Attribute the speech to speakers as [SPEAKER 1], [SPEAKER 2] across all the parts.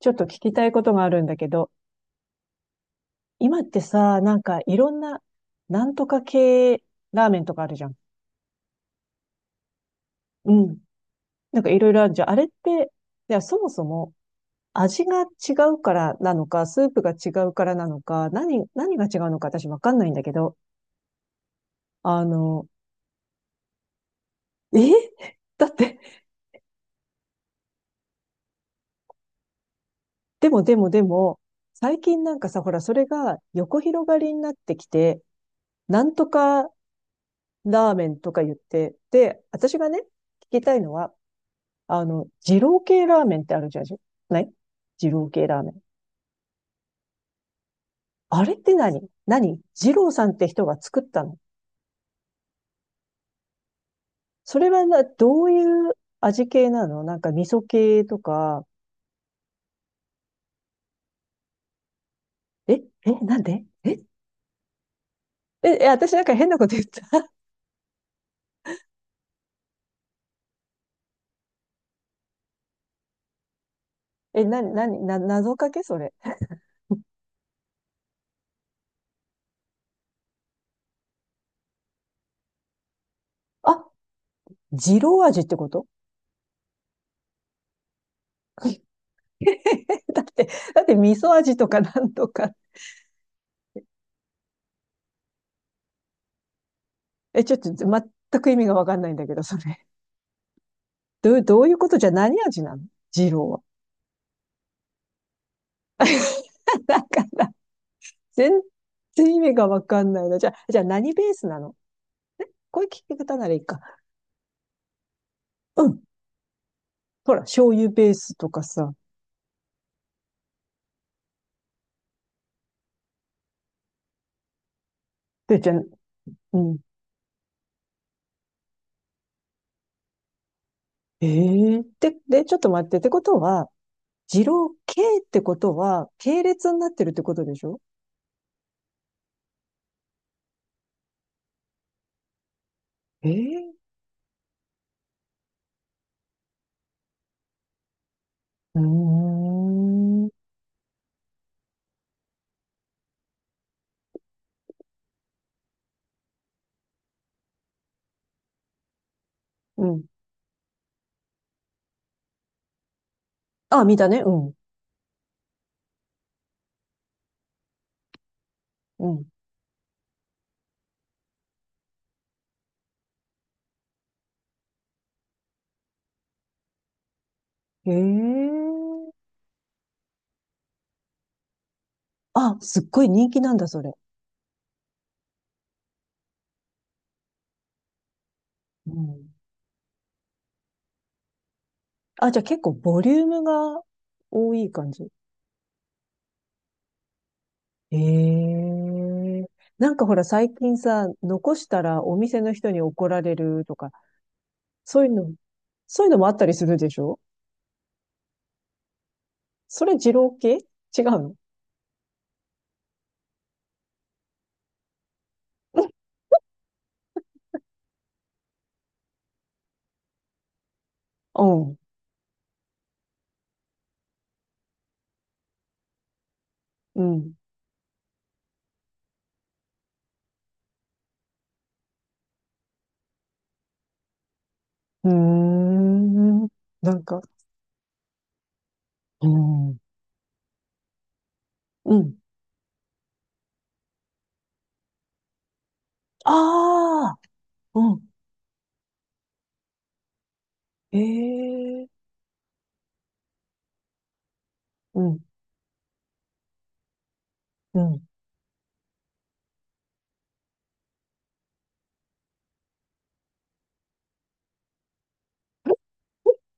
[SPEAKER 1] ちょっと聞きたいことがあるんだけど、今ってさ、なんかいろんな、なんとか系ラーメンとかあるじゃん。うん。なんかいろいろあるじゃん。あれって、いや、そもそも味が違うからなのか、スープが違うからなのか、何が違うのか私わかんないんだけど、あの、え だって、でもでもでも、最近なんかさ、ほら、それが横広がりになってきて、なんとかラーメンとか言って、で、私がね、聞きたいのは、二郎系ラーメンってあるじゃん、ない？二郎系ラーメン。あれって何二郎さんって人が作ったの？それはな、どういう味系なの？なんか味噌系とか？え、なんでえ、私なんか変なこと言った？え、な、な、な、謎かけそれ？あ、二郎味ってこと？ だって、だって味噌味とかなんとか。え、ちょっと全く意味がわかんないんだけど、それ。どういうことじゃ。何味なの？二郎は。なんか全然意味がわかんないな。じゃあ、何ベースなの？こういう聞き方ならいいか。うん。ほら、醤油ベースとかさ。で、じゃあ、うん。ええーで、ちょっと待って。ってことは、二郎系ってことは、系列になってるってことでしょ？ええーうーん。うん。あ、見たね。うん。うん。へえ。あ、すっごい人気なんだ、それ。うん。あ、じゃあ結構ボリュームが多い感じ。ええなんかほら最近さ、残したらお店の人に怒られるとか、そういうの、そういうのもあったりするでしょ？それ二郎系違うの？ うん、うん。うーん。なんか、うん。うん。ああ、うん。ええうん、うん。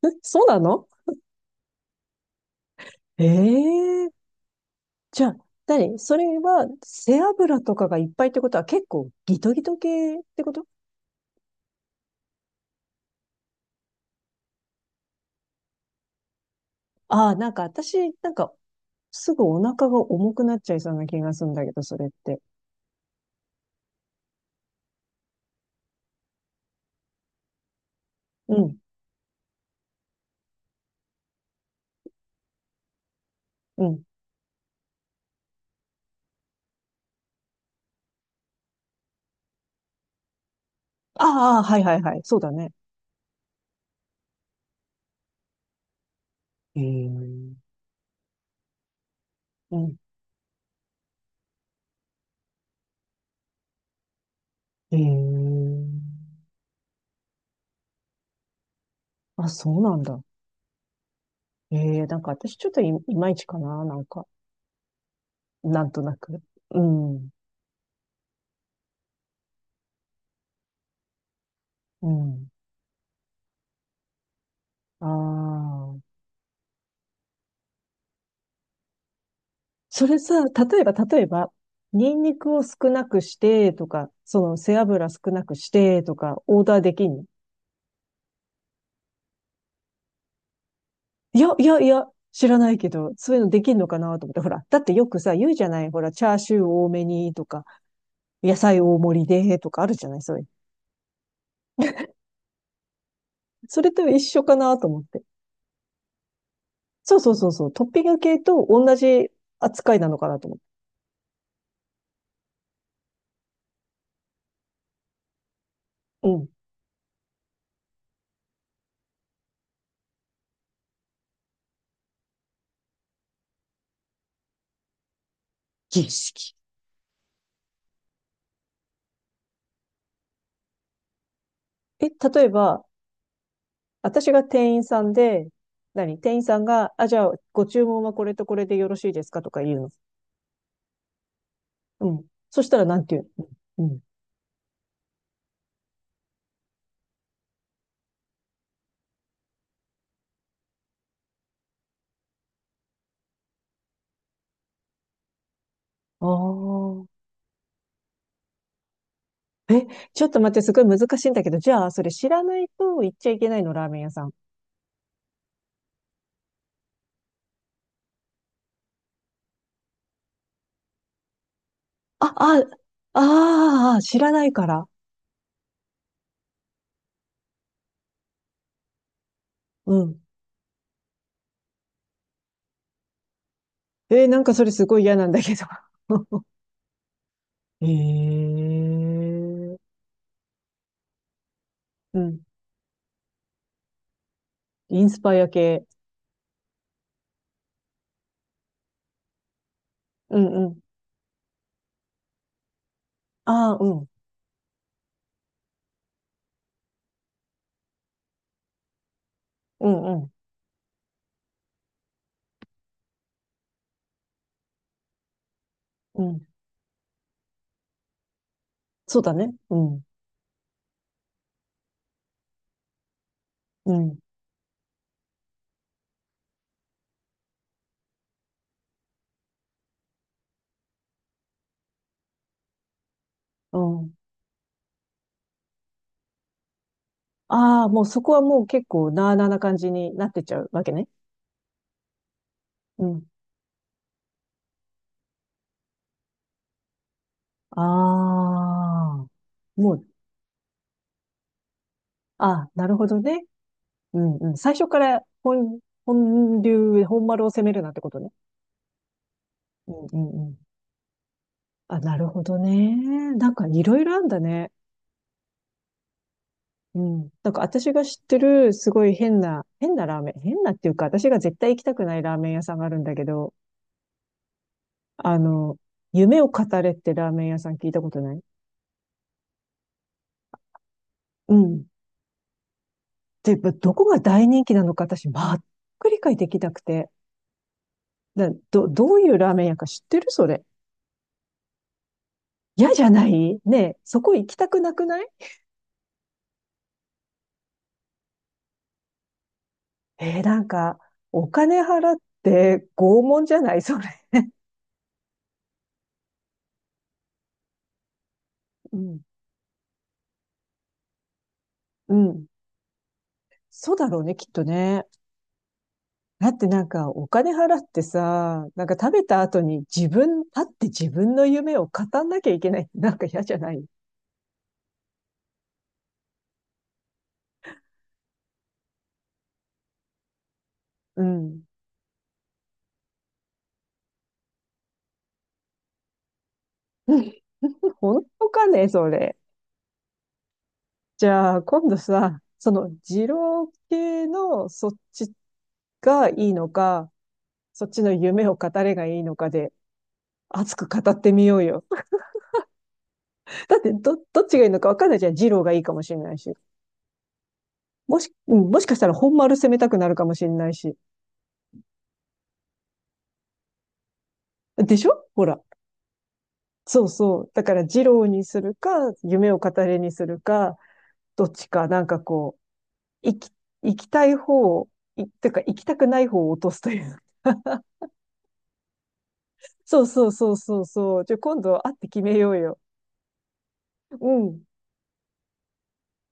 [SPEAKER 1] え、そうなの？ええじゃあ、何？それは背脂とかがいっぱいってことは結構ギトギト系ってこと？ああ、なんか私、なんかすぐお腹が重くなっちゃいそうな気がするんだけど、それって。うん、うん。ああ、はいはいはい。そうだね。えー、うん。えー、あ、そうなんだ。えなんか私ちょっといまいちかな、なんか、なんとなく。うん、うん。ああ。それさ、例えば、ニンニクを少なくしてとか、その背脂少なくしてとか、オーダーできんの？いや、いや、いや、知らないけど、そういうのできんのかなと思って、ほら、だってよくさ、言うじゃない、ほら、チャーシュー多めにとか、野菜大盛りでとかあるじゃない、そういう。それと一緒かなと思って。そうそうそうそう、トッピング系と同じ扱いなのかなと思って。うん。儀式？え、例えば、私が店員さんで、店員さんが、あ、じゃあ、ご注文はこれとこれでよろしいですかとか言うの。うん。そしたら、なんて言うの？うん。ああ、ちょっと待って、すごい難しいんだけど、じゃあ、それ知らないと行っちゃいけないの？ラーメン屋さん。あ、あ、ああ、知らないから。うん。なんかそれすごい嫌なんだけど。ええうん。インスパイア系。うんうん。ああ、うん。うんうん。うん。そうだね。うん。うん。うん。ああ、もうそこはもう結構なあなあな感じになってっちゃうわけね。うん。ああ。もう、ああ、なるほどね。うんうん。最初から本流、本丸を攻めるなんてことね。うんうんうん。あ、なるほどね。なんかいろいろあんだね。うん。なんか私が知ってるすごい変な、変なラーメン、変なっていうか私が絶対行きたくないラーメン屋さんがあるんだけど、あの、夢を語れってラーメン屋さん聞いたことない？うん。で、どこが大人気なのか私全く理解できなくて。どういうラーメン屋か知ってる？それ。嫌じゃないねえ、そこ行きたくなくない？なんか、お金払って拷問じゃない？それ。うん。うん。そうだろうね、きっとね。だってなんか、お金払ってさ、なんか食べた後に立って自分の夢を語んなきゃいけない。なんか嫌じゃない？うん。本当かね、それ。じゃあ、今度さ、二郎系のそっちがいいのか、そっちの夢を語れがいいのかで、熱く語ってみようよ。だってどっちがいいのか分かんないじゃん。二郎がいいかもしれないし。うん、もしかしたら本丸攻めたくなるかもしれないし。でしょ？ほら。そうそう。だから二郎にするか、夢を語れにするか、どっちか、なんかこう、行きたい方を、てか行きたくない方を落とすという。そうそうそうそうそう。じゃあ今度会って決めようよ。うん。